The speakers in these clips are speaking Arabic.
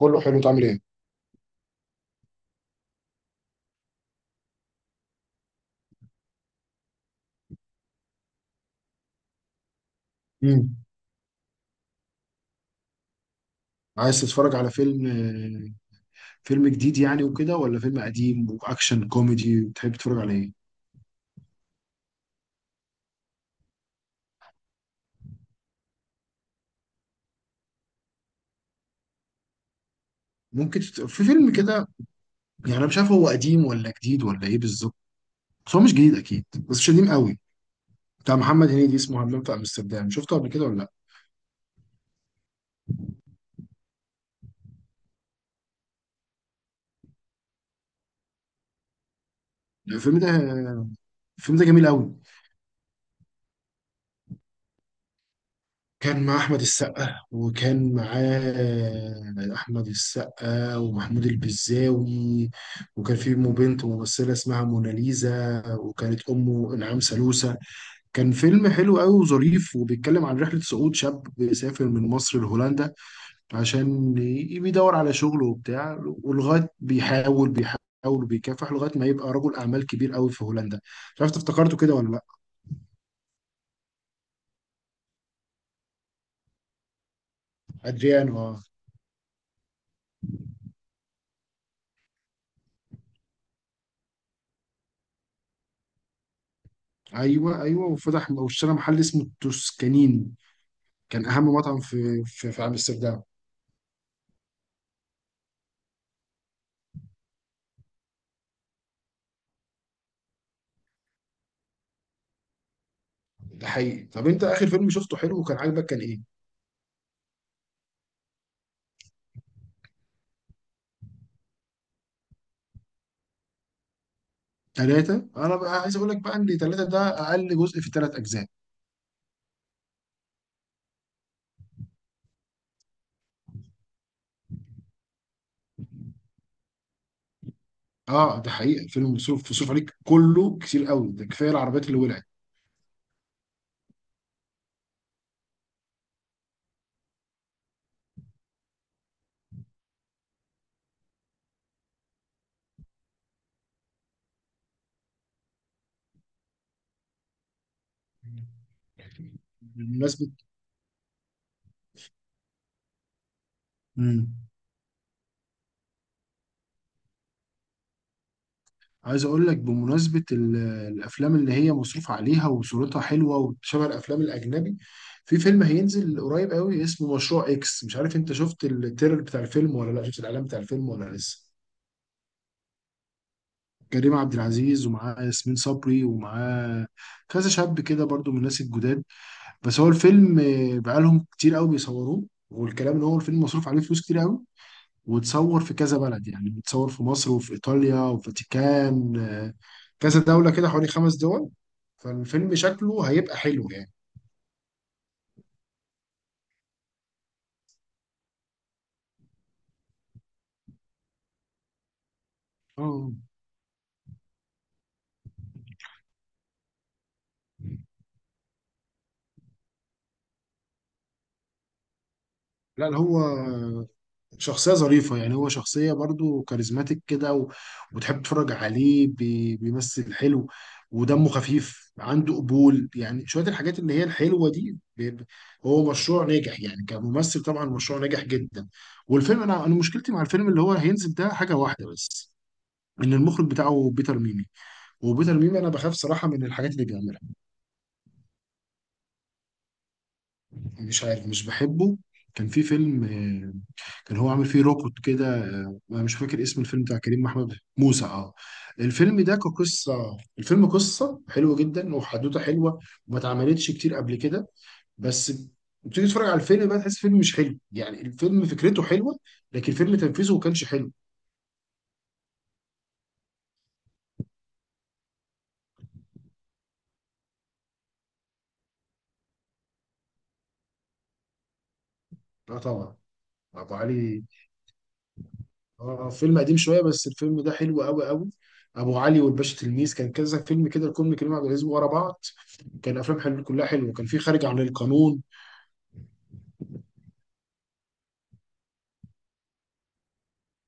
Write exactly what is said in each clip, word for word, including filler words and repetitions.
كله حلو تعمل ايه. امم عايز تتفرج على فيلم، آه، فيلم جديد يعني وكده ولا فيلم قديم واكشن كوميدي بتحب تتفرج على ايه؟ ممكن تت... في فيلم كده، يعني انا مش عارف هو قديم ولا جديد ولا ايه بالظبط، بس هو مش جديد اكيد بس مش قديم قوي. بتاع محمد هنيدي اسمه همام في امستردام، شفته قبل كده ولا لا؟ الفيلم ده الفيلم ده جميل قوي. كان مع أحمد السقا، وكان معاه أحمد السقا ومحمود البزاوي، وكان في أمه بنت ممثلة اسمها موناليزا، وكانت أمه إنعام سالوسة. كان فيلم حلو قوي وظريف، وبيتكلم عن رحلة صعود شاب بيسافر من مصر لهولندا عشان ي- بيدور على شغل وبتاع، ولغاية بيحاول بيحاول وبيكافح لغاية ما يبقى رجل أعمال كبير قوي في هولندا. مش عارف إنت افتكرته كده ولا لأ. أدريان اه. ايوه ايوه، وفتح واشترى محل اسمه التوسكانين، كان اهم مطعم في في, في امستردام. ده حقيقي. طب انت اخر فيلم شفته حلو وكان عاجبك كان ايه؟ ثلاثة؟ انا بقى عايز اقول لك بقى ان ثلاثة ده اقل جزء في ثلاث اجزاء. اه ده حقيقي، الفيلم مصروف مصروف عليك كله كتير قوي، ده كفايه العربيات اللي ولعت. بالمناسبة، مم، عايز اقول لك بمناسبه ال- الافلام اللي هي مصروف عليها وصورتها حلوه وشبه الافلام الاجنبي، في فيلم هينزل قريب قوي اسمه مشروع اكس. مش عارف انت شفت التريلر بتاع الفيلم ولا لا، شفت الاعلان بتاع الفيلم ولا لسه؟ كريم عبد العزيز ومعاه ياسمين صبري، ومعاه كذا شاب كده برضو من الناس الجداد. بس هو الفيلم، آه، بقالهم كتير قوي بيصوروه، والكلام ان هو الفيلم مصروف عليه فلوس كتير قوي، وتصور في كذا بلد، يعني بتصور في مصر وفي إيطاليا وفاتيكان، آه، كذا دولة كده، حوالي خمس دول. فالفيلم شكله هيبقى حلو يعني. اه، لا لا، هو شخصية ظريفة يعني، هو شخصية برضو كاريزماتيك كده و- وتحب تتفرج عليه بي- بيمثل حلو، ودمه خفيف، عنده قبول يعني، شوية الحاجات اللي هي الحلوة دي بي- ب- هو مشروع ناجح يعني، كممثل طبعا مشروع ناجح جدا. والفيلم، انا انا مشكلتي مع الفيلم اللي هو هينزل ده حاجة واحدة بس، ان المخرج بتاعه بيتر ميمي، وبيتر ميمي انا بخاف صراحه من الحاجات اللي بيعملها. مش عارف، مش بحبه. كان في فيلم، آه، كان هو عامل فيه روبوت كده، آه، انا مش فاكر اسم الفيلم، بتاع كريم محمود موسى اه. الفيلم ده كقصه، الفيلم قصه حلوه جدا وحدوته حلوه، وما اتعملتش كتير قبل كده، بس بتيجي تتفرج على الفيلم بقى تحس فيلم مش حلو، يعني الفيلم فكرته حلوه لكن فيلم تنفيذه ما كانش حلو. لا طبعا، ابو علي. اه فيلم قديم شويه، بس الفيلم ده حلو قوي قوي. ابو علي والباشا تلميذ، كان كذا فيلم كده لكل كريم عبد العزيز ورا بعض، كان افلام حلو كلها حلوه، كان في خارج عن القانون.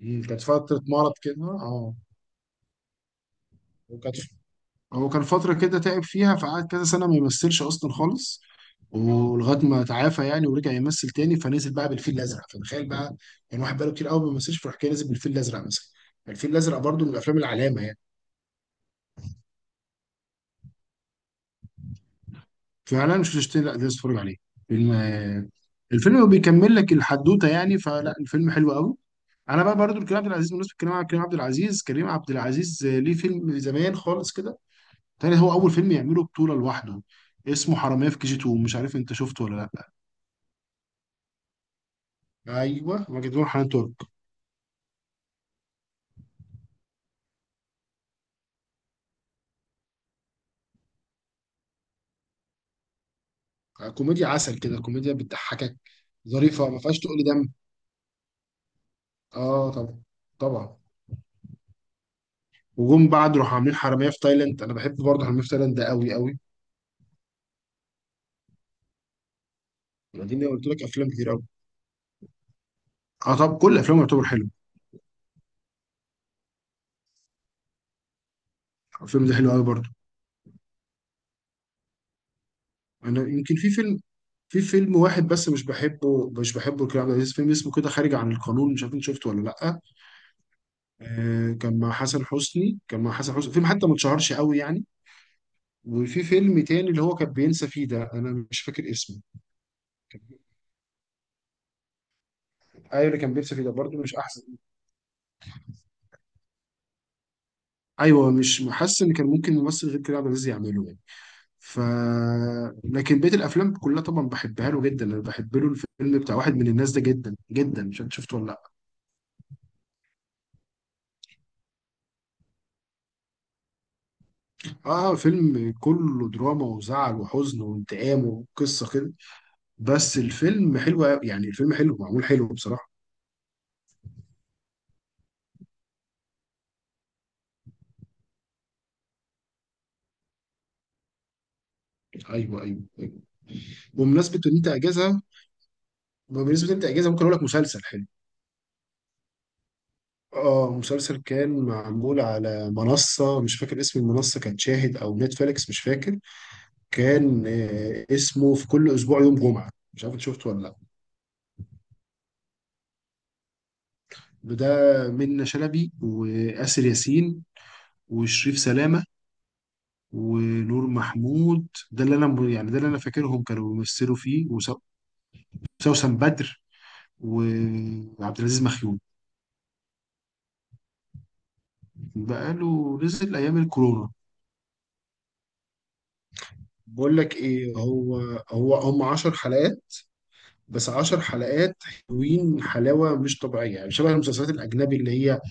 مم، كانت فتره مرض كده اه. وكانت، هو كان فتره كده تعب فيها فقعد كذا سنه ما يمثلش اصلا خالص، ولغايه ما تعافى يعني ورجع يمثل تاني، فنزل بقى بالفيل الازرق، فتخيل بقى، يعني واحد بقاله كتير قوي ما بيمثلش فراح كده نزل بالفيل الازرق مثلا، الفيل الازرق برضه من الافلام العلامه يعني. فعلا مش هتشتري، لا لازم تتفرج عليه. فيلم، آه، الفيلم بيكمل لك الحدوته يعني، فلا الفيلم حلو قوي. انا بقى برضو الكريم عبد العزيز، بالنسبه لكريم عبد- كريم عبد العزيز، كريم عبد العزيز آه، ليه فيلم زمان خالص كده تاني، هو اول فيلم يعمله بطوله لوحده اسمه حراميه في كي جي اتنين، مش عارف انت شفته ولا لا. ايوه مجدون حنان ترك. آه، كوميديا عسل كده، كوميديا بتضحكك. ظريفه ما فيهاش تقل دم. اه طبعا. طبعا. وجم بعد راحوا عاملين حراميه في تايلاند، انا بحب برضه حراميه في تايلاند ده قوي قوي. دي قلت لك افلام كتير. اه طب كل افلامه يعتبر حلو. الفيلم ده حلو قوي برضه. انا يمكن في فيلم، في فيلم واحد بس مش بحبه، مش بحبه لكريم عبد العزيز، فيلم اسمه كده خارج عن القانون، مش عارف انت شفته ولا لا. آه كان مع حسن حسني، كان مع حسن حسني فيلم حتى ما اتشهرش قوي يعني. وفي فيلم تاني اللي هو كان بينسى فيه ده، انا مش فاكر اسمه. كان- ايوه اللي كان بينسى فيه ده برضه مش احسن. ايوه، مش حاسس ان كان ممكن ممثل غير كريم عبد العزيز يعمله يعني. ف لكن بقيه الافلام كلها طبعا بحبها له جدا، انا بحب له الفيلم بتاع واحد من الناس ده جدا جدا، مش عارف شفته ولا لأ. اه فيلم كله دراما وزعل وحزن وانتقام وقصه كده، بس الفيلم حلو أوي، يعني الفيلم حلو معمول حلو بصراحه. ايوه ايوه ايوه. وبمناسبه ان انت اجازه، بمناسبه ان انت اجازه ممكن اقول لك مسلسل حلو. اه مسلسل كان معمول على منصه، مش فاكر اسم المنصه، كانت شاهد او نتفليكس مش فاكر. كان آه اسمه في كل اسبوع يوم جمعه، مش عارف انت شفته ولا لا. ده منة شلبي وآسر ياسين وشريف سلامه ونور محمود، ده اللي انا يعني ده اللي انا فاكرهم كانوا بيمثلوا فيه وسو- وسوسن بدر وعبد العزيز مخيون. بقاله نزل ايام الكورونا. بقول لك ايه، هو هو هم عشر حلقات، بس عشر حلقات حلوين حلاوه مش طبيعيه يعني، شبه المسلسلات الاجنبي اللي هي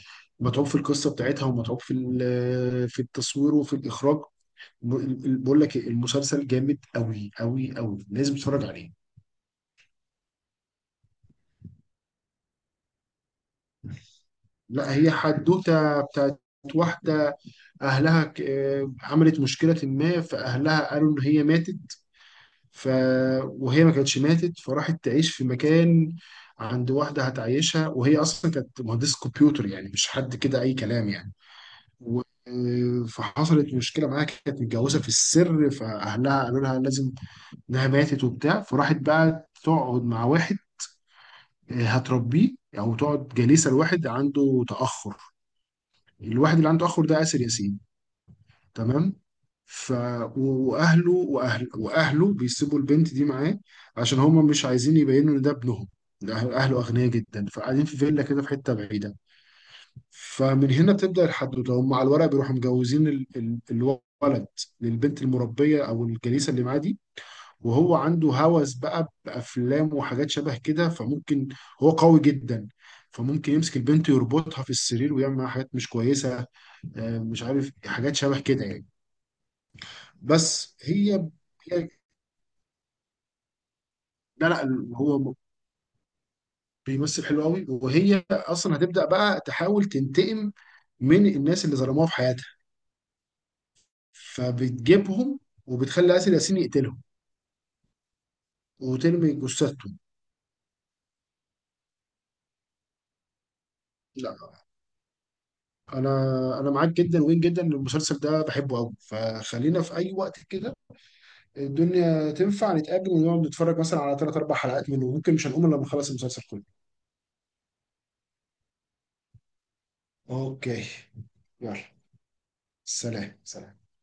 متعوب في القصه بتاعتها ومتعوب في ال- في التصوير وفي الاخراج. ب- بقول لك إيه، المسلسل جامد قوي قوي قوي، لازم تتفرج عليه. لا هي حدوته بتاعت واحده، اهلها ك- آه، عملت مشكله ما فاهلها قالوا ان هي ماتت ف... وهي ما كانتش ماتت، فراحت تعيش في مكان عند واحده هتعيشها، وهي اصلا كانت مهندسه كمبيوتر يعني مش حد كده اي كلام يعني. و... آه، فحصلت مشكله معاها، كانت متجوزه في السر، فاهلها قالوا لها لازم انها ماتت وبتاع، فراحت بقى تقعد مع واحد، آه، هتربيه او تقعد جليسه لواحد عنده تاخر، الواحد اللي عنده تاخر ده آسر ياسين. تمام. ف و- واهله واهل واهله بيسيبوا البنت دي معاه عشان هما مش عايزين يبينوا ان ده ابنهم، ده أهل- اهله اغنياء جدا، فقاعدين في فيلا كده في حته بعيده. فمن هنا بتبدا الحدوته، هم على الورق بيروحوا مجوزين ال... ال... الولد للبنت المربيه او الجليسه اللي معاه دي، وهو عنده هوس بقى بافلام وحاجات شبه كده، فممكن، هو قوي جدا، فممكن يمسك البنت يربطها في السرير ويعمل معاها حاجات مش كويسه، آه، مش عارف حاجات شبه كده يعني. بس هي هي لا لا، هو بيمثل حلو قوي، وهي اصلا هتبدا بقى تحاول تنتقم من الناس اللي ظلموها في حياتها، فبتجيبهم وبتخلي آسر ياسين يقتلهم وترمي جثتهم. لا انا انا معاك جدا وين جدا إن المسلسل ده بحبه قوي، فخلينا في اي وقت كده الدنيا تنفع نتقابل ونقعد نتفرج مثلا على ثلاث اربع حلقات منه، ممكن مش هنقوم الا لما نخلص المسلسل كله. اوكي. يلا. سلام سلام.